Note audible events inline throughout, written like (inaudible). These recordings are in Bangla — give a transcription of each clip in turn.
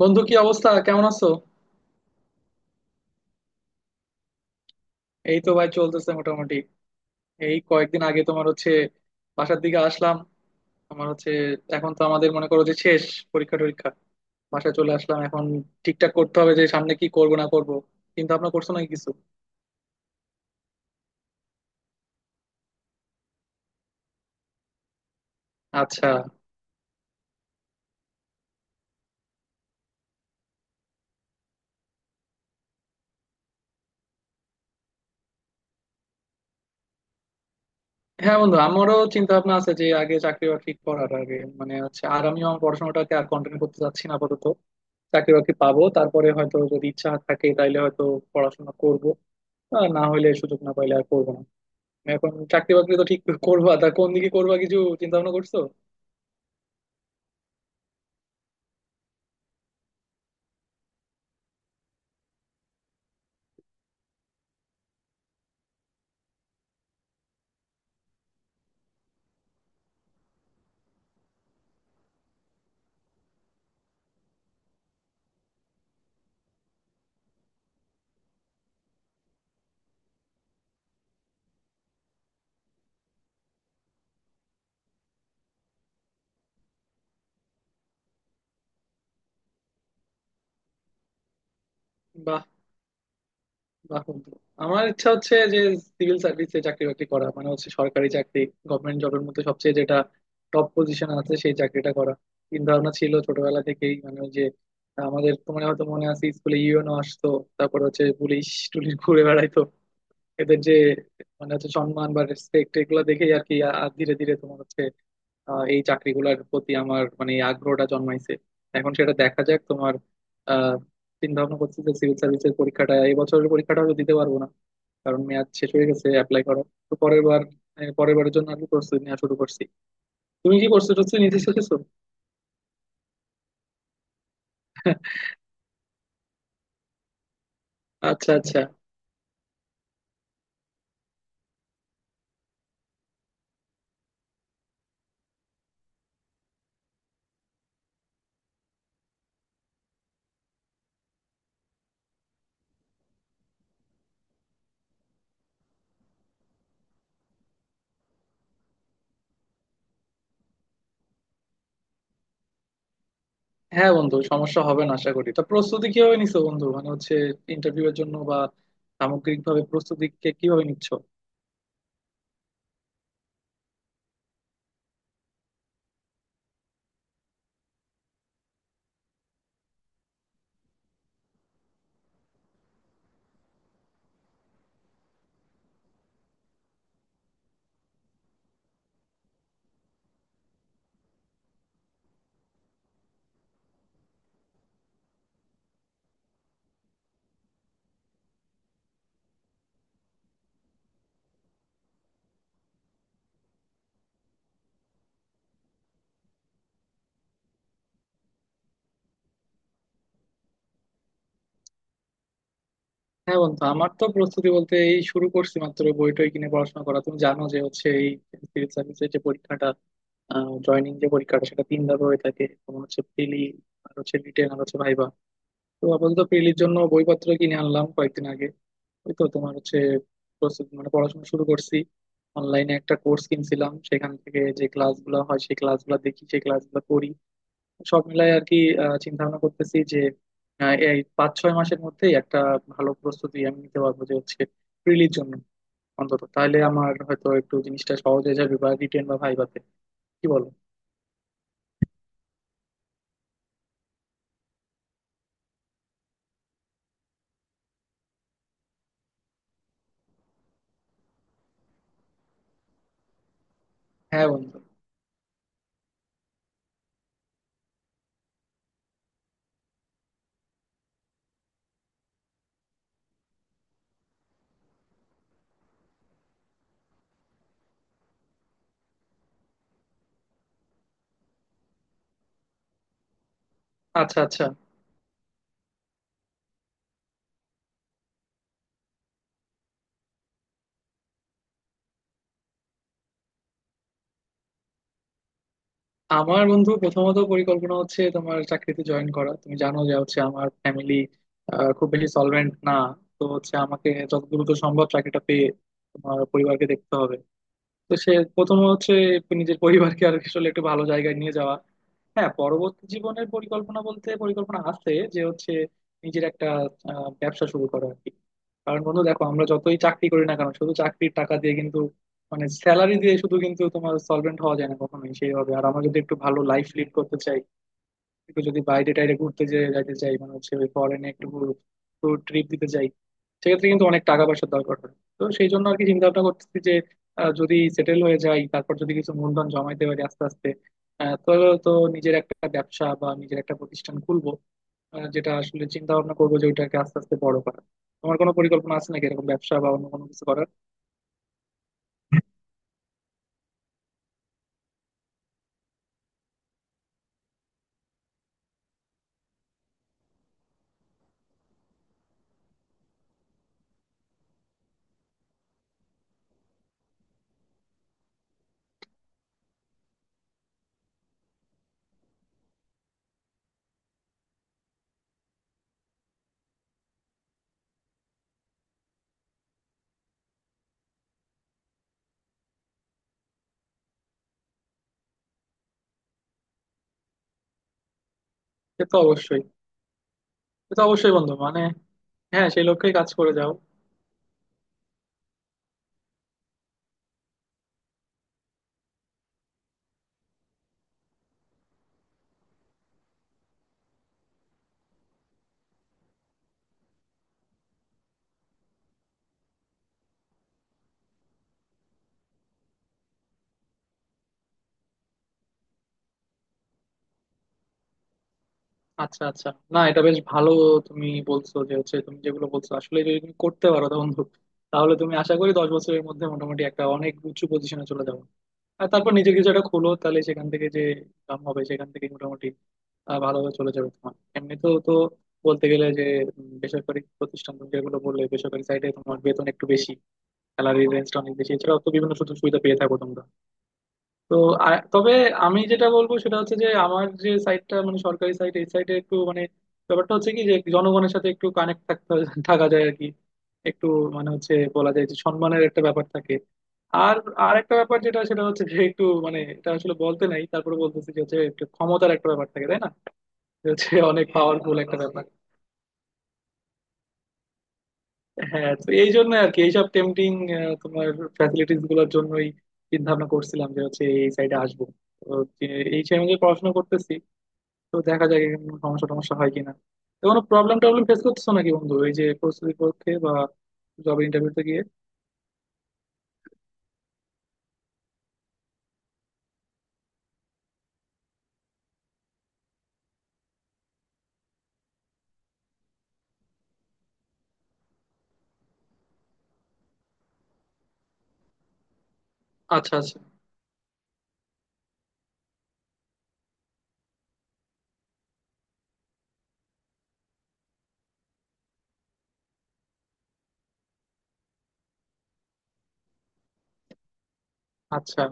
বন্ধু, কি অবস্থা? কেমন আছো? এই তো ভাই, চলতেছে মোটামুটি। এই কয়েকদিন আগে তোমার হচ্ছে বাসার দিকে আসলাম। আমার হচ্ছে এখন তো আমাদের মনে করো যে শেষ পরীক্ষা টরীক্ষা বাসায় চলে আসলাম। এখন ঠিকঠাক করতে হবে যে সামনে কি করব না করব, চিন্তা ভাবনা করছো নাকি কিছু? আচ্ছা। হ্যাঁ বন্ধু, আমারও চিন্তা ভাবনা আছে যে আগে চাকরি বাকরি করার আগে মানে হচ্ছে, আর আমিও আমার পড়াশোনাটাকে আর কন্টিনিউ করতে চাচ্ছি না আপাতত। চাকরি বাকরি পাবো, তারপরে হয়তো যদি ইচ্ছা থাকে তাইলে হয়তো পড়াশোনা করব, আর না হলে সুযোগ না পাইলে আর করবো না। এখন চাকরি বাকরি তো ঠিক করবা, তা কোন দিকে করবা, কিছু চিন্তা ভাবনা করছো? বাহ, বাহ বন্ধু। আমার ইচ্ছা হচ্ছে যে সিভিল সার্ভিসে চাকরি বাকরি করা, মানে হচ্ছে সরকারি চাকরি। গভর্নমেন্ট জবের মধ্যে সবচেয়ে যেটা টপ পজিশন আছে সেই চাকরিটা করা চিন্তা ভাবনা ছিল ছোটবেলা থেকেই। মানে ওই যে আমাদের, তোমার হয়তো মনে আছে, স্কুলে ইউনো আসতো, তারপর হচ্ছে পুলিশ টুলিশ ঘুরে বেড়াইতো, এদের যে মানে হচ্ছে সম্মান বা রেসপেক্ট, এগুলো দেখেই আর কি ধীরে ধীরে তোমার হচ্ছে এই চাকরিগুলোর প্রতি আমার মানে এই আগ্রহটা জন্মাইছে। এখন সেটা দেখা যাক। তোমার আহ চিন্তা ভাবনা করছি যে সিভিল সার্ভিসের পরীক্ষাটা, এই বছরের পরীক্ষাটা হয়তো দিতে পারবো না, কারণ মেয়াদ শেষ হয়ে গেছে অ্যাপ্লাই করা। তো পরের বার, পরের বারের জন্য আর কি প্রস্তুতি নেওয়া শুরু করছি। তুমি কি প্রস্তুতি টস্তুতি নিতে শিখেছো? (laughs) আচ্ছা, আচ্ছা। হ্যাঁ বন্ধু, সমস্যা হবে না আশা করি। তা প্রস্তুতি কিভাবে নিছো বন্ধু, মানে হচ্ছে ইন্টারভিউ এর জন্য বা সামগ্রিকভাবে প্রস্তুতি কিভাবে নিচ্ছ? হ্যাঁ বন্ধু, আমার তো প্রস্তুতি বলতে এই শুরু করছি মাত্র, বই টই কিনে পড়াশোনা করা। তুমি জানো যে হচ্ছে এই সিভিল সার্ভিসের যে পরীক্ষাটা, জয়নিং যে পরীক্ষাটা, সেটা 3 ধাপে হয়ে থাকে। তোমার হচ্ছে প্রিলি, আর হচ্ছে রিটেন, আর হচ্ছে ভাইবা। তো আপাতত প্রিলির জন্য বইপত্র কিনে আনলাম কয়েকদিন আগে। ওই তো তোমার হচ্ছে প্রস্তুতি, মানে পড়াশোনা শুরু করছি। অনলাইনে একটা কোর্স কিনছিলাম, সেখান থেকে যে ক্লাসগুলো হয় সেই ক্লাসগুলো দেখি, সেই ক্লাসগুলো করি, সব মিলাই আর কি। চিন্তা ভাবনা করতেছি যে এই 5-6 মাসের মধ্যেই একটা ভালো প্রস্তুতি আমি নিতে পারবো, যে হচ্ছে প্রিলির জন্য অন্তত। তাহলে আমার হয়তো একটু জিনিসটা সহজ হয়ে যাবে বা রিটেন বা ভাইভাতে। কি বলো? হ্যাঁ বন্ধু। আচ্ছা, আচ্ছা। আমার বন্ধু প্রথমত পরিকল্পনা হচ্ছে তোমার চাকরিতে জয়েন করা। তুমি জানো যে হচ্ছে আমার ফ্যামিলি খুব বেশি সলভেন্ট না, তো হচ্ছে আমাকে যত দ্রুত সম্ভব চাকরিটা পেয়ে তোমার পরিবারকে দেখতে হবে। তো সে প্রথম হচ্ছে নিজের পরিবারকে আর আসলে একটু ভালো জায়গায় নিয়ে যাওয়া। হ্যাঁ, পরবর্তী জীবনের পরিকল্পনা বলতে পরিকল্পনা আছে যে হচ্ছে নিজের একটা ব্যবসা শুরু করা আর কি। কারণ বন্ধু দেখো, আমরা যতই চাকরি করি না কেন, শুধু চাকরির টাকা দিয়ে কিন্তু, মানে স্যালারি দিয়ে শুধু কিন্তু তোমার সলভেন্ট হওয়া যায় না কখনোই সেইভাবে। আর আমরা যদি একটু ভালো লাইফ লিড করতে চাই, একটু যদি বাইরে টাইরে ঘুরতে যাইতে চাই, মানে হচ্ছে ওই ফরেনে একটু ট্রিপ দিতে চাই, সেক্ষেত্রে কিন্তু অনেক টাকা পয়সার দরকার হয়। তো সেই জন্য আর কি চিন্তা ভাবনা করতেছি যে যদি সেটেল হয়ে যাই, তারপর যদি কিছু মূলধন জমাইতে পারি আস্তে আস্তে, আহ, তো তো নিজের একটা ব্যবসা বা নিজের একটা প্রতিষ্ঠান খুলবো, যেটা আসলে চিন্তা ভাবনা করবো যে ওইটাকে আস্তে আস্তে বড় করা। তোমার কোনো পরিকল্পনা আছে নাকি এরকম ব্যবসা বা অন্য কোনো কিছু করার? সে তো অবশ্যই, সে তো অবশ্যই বন্ধু, মানে। হ্যাঁ সেই লক্ষ্যেই কাজ করে যাও। আচ্ছা, আচ্ছা। না, এটা বেশ ভালো। তুমি বলছো যে হচ্ছে, তুমি যেগুলো বলছো আসলে যদি তুমি করতে পারো তা বন্ধু, তাহলে তুমি আশা করি 10 বছরের মধ্যে মোটামুটি একটা অনেক উঁচু পজিশনে চলে যাবো। আর তারপর নিজের কিছু একটা খোলো, তাহলে সেখান থেকে যে ইনকাম হবে সেখান থেকে মোটামুটি ভালোভাবে চলে যাবে। তোমার এমনি তো তো বলতে গেলে যে বেসরকারি প্রতিষ্ঠান তুমি যেগুলো বললে, বেসরকারি সাইডে তোমার বেতন একটু বেশি, স্যালারি রেঞ্জটা অনেক বেশি, এছাড়াও তো বিভিন্ন সুযোগ সুবিধা পেয়ে থাকো তোমরা। তো আর তবে আমি যেটা বলবো সেটা হচ্ছে যে, আমার যে সাইটটা মানে সরকারি সাইট, এই সাইটে একটু মানে ব্যাপারটা হচ্ছে কি যে, জনগণের সাথে একটু কানেক্ট (laughs) থাকা যায় আর কি, একটু মানে হচ্ছে বলা যায় যে সম্মানের একটা ব্যাপার থাকে। আর আর একটা ব্যাপার যেটা, সেটা হচ্ছে যে একটু মানে, এটা আসলে বলতে নাই, তারপরে বলতেছি যে হচ্ছে একটু ক্ষমতার একটা ব্যাপার থাকে, তাই না? যে হচ্ছে অনেক, হ্যাঁ, পাওয়ারফুল ক্ষমতার একটা রাজনীতি ব্যাপার। হ্যাঁ, তো এই জন্য আর কি, এইসব টেম্পটিং তোমার ফ্যাসিলিটিস গুলোর জন্যই চিন্তা ভাবনা করছিলাম যে হচ্ছে এই সাইডে আসবো। তো এই সময় পড়াশোনা করতেছি। তো দেখা যাক এখানে কোনো সমস্যা টমস্যা হয় কিনা। তো কোনো প্রবলেম টবলেম ফেস করতেছো নাকি বন্ধু, এই যে প্রস্তুতির পক্ষে বা জব ইন্টারভিউতে গিয়ে? আচ্ছা, আচ্ছা, আচ্ছা।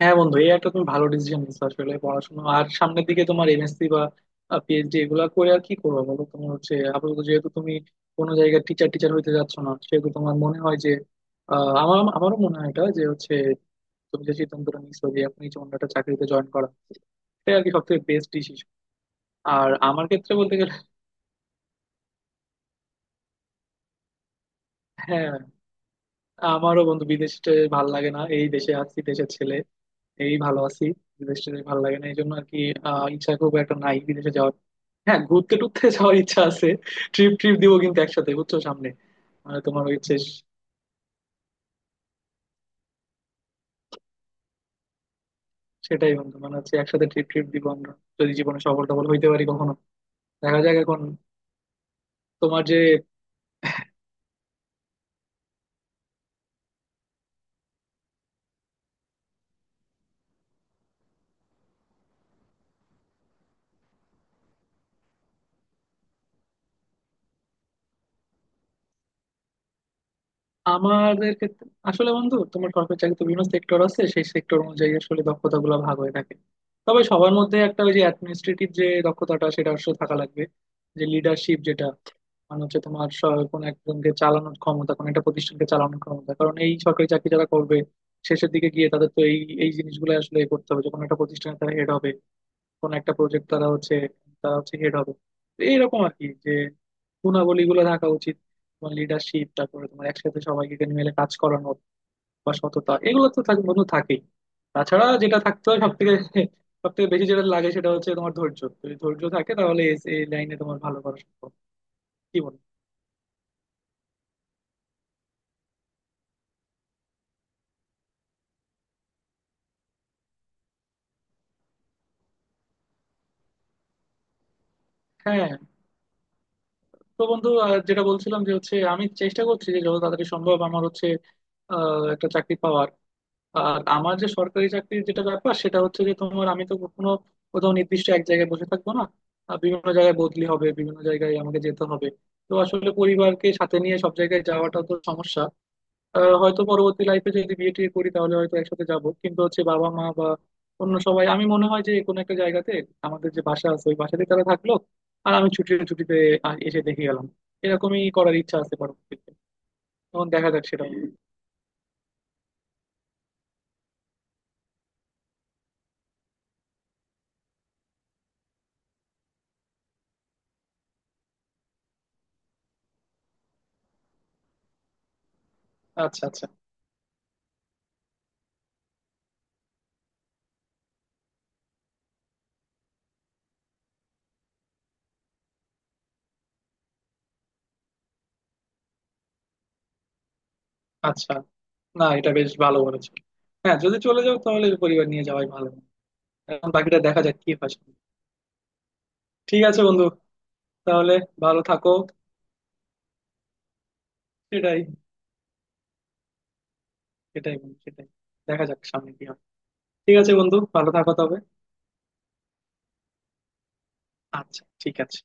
হ্যাঁ বন্ধু, এই একটা তুমি ভালো ডিসিশন নিচ্ছ আসলে, পড়াশোনা আর সামনের দিকে, তোমার এমএসসি বা পিএইচডি এগুলা করে আর কি করবো বলো। তোমার হচ্ছে আপাতত যেহেতু তুমি কোনো জায়গায় টিচার টিচার হইতে যাচ্ছ না, সেহেতু তোমার মনে হয় যে আহ, আমার আমারও মনে হয় এটা, যে হচ্ছে তুমি যে সিদ্ধান্তটা নিচ্ছো যে এখনই কোনো একটা চাকরিতে জয়েন করা, সেটাই আর কি সব থেকে বেস্ট ডিসিশন। আর আমার ক্ষেত্রে বলতে গেলে, হ্যাঁ, আমারও বন্ধু বিদেশে ভাল লাগে না। এই দেশে আছি, দেশের ছেলে, এই ভালো আছি। বিদেশে ভাল লাগে না, এই জন্য আর কি ইচ্ছা খুব একটা নাই বিদেশে যাওয়ার। হ্যাঁ ঘুরতে টুরতে (laughs) যাওয়ার ইচ্ছা আছে। ট্রিপ ট্রিপ দিব কিন্তু একসাথে, বুঝছো, সামনে। মানে তোমার ইচ্ছে। সেটাই বন্ধু, মানে হচ্ছে একসাথে ট্রিপ ট্রিপ দিব আমরা, যদি জীবনে সফল টফল হইতে পারি কখনো। দেখা যাক এখন। তোমার যে আমাদের ক্ষেত্রে আসলে বন্ধু, তোমার সরকারি চাকরিতে বিভিন্ন সেক্টর আছে, সেই সেক্টর অনুযায়ী আসলে দক্ষতা গুলো ভাগ হয়ে থাকে। তবে সবার মধ্যে একটা, ওই যে অ্যাডমিনিস্ট্রেটিভ যে দক্ষতাটা, সেটা আসলে থাকা লাগবে, যে লিডারশিপ যেটা, মানে হচ্ছে তোমার কোনো একজনকে চালানোর ক্ষমতা, কোনো একটা প্রতিষ্ঠানকে চালানোর ক্ষমতা। কারণ এই সরকারি চাকরি যারা করবে, শেষের দিকে গিয়ে তাদের তো এই এই জিনিসগুলো আসলে করতে হবে, যখন একটা প্রতিষ্ঠানে তারা হেড হবে, কোন একটা প্রজেক্ট তারা হচ্ছে হেড হবে। তো এইরকম আর কি, যে গুণাবলী গুলো থাকা উচিত, তোমার লিডারশিপ, তারপরে তোমার একসাথে সবাইকে মিলে কাজ করানো বা সততা, এগুলো তো থাকে বন্ধু, থাকেই। তাছাড়া যেটা থাকতে হয় সব থেকে, সব থেকে বেশি যেটা লাগে সেটা হচ্ছে তোমার ধৈর্য। যদি ধৈর্য থাকে তাহলে এই, এই লাইনে তোমার ভালো করা সম্ভব। কি বল? হ্যাঁ। তো বন্ধু, আর যেটা বলছিলাম যে হচ্ছে আমি চেষ্টা করছি যে যত তাড়াতাড়ি সম্ভব আমার হচ্ছে একটা চাকরি পাওয়ার। আর আমার যে সরকারি চাকরির যেটা ব্যাপার, সেটা হচ্ছে যে তোমার আমি তো কোনো, কোথাও নির্দিষ্ট এক জায়গায় বসে থাকবো না, বিভিন্ন জায়গায় বদলি হবে, বিভিন্ন জায়গায় আমাকে যেতে হবে। তো আসলে পরিবারকে সাথে নিয়ে সব জায়গায় যাওয়াটা তো সমস্যা। হয়তো পরবর্তী লাইফে যদি বিয়ে টিয়ে করি তাহলে হয়তো একসাথে যাব, কিন্তু হচ্ছে বাবা মা বা অন্য সবাই, আমি মনে হয় যে কোনো একটা জায়গাতে, আমাদের যে বাসা আছে ওই বাসাতে তারা থাকলো, আর আমি ছুটিতে ছুটিতে এসে দেখে গেলাম, এরকমই করার ইচ্ছা আছে পরবর্তীতে। তখন দেখা যাক সেটা। আচ্ছা, আচ্ছা, আচ্ছা। না, এটা বেশ ভালো বলেছো। হ্যাঁ, যদি চলে যাও তাহলে পরিবার নিয়ে যাওয়াই ভালো। এখন বাকিটা দেখা যাক কি হয় সামনে। ঠিক আছে বন্ধু, তাহলে ভালো থাকো। সেটাই, সেটাই বন্ধু, সেটাই। দেখা যাক সামনে কি হয়। ঠিক আছে বন্ধু, ভালো থাকো তবে। আচ্ছা, ঠিক আছে।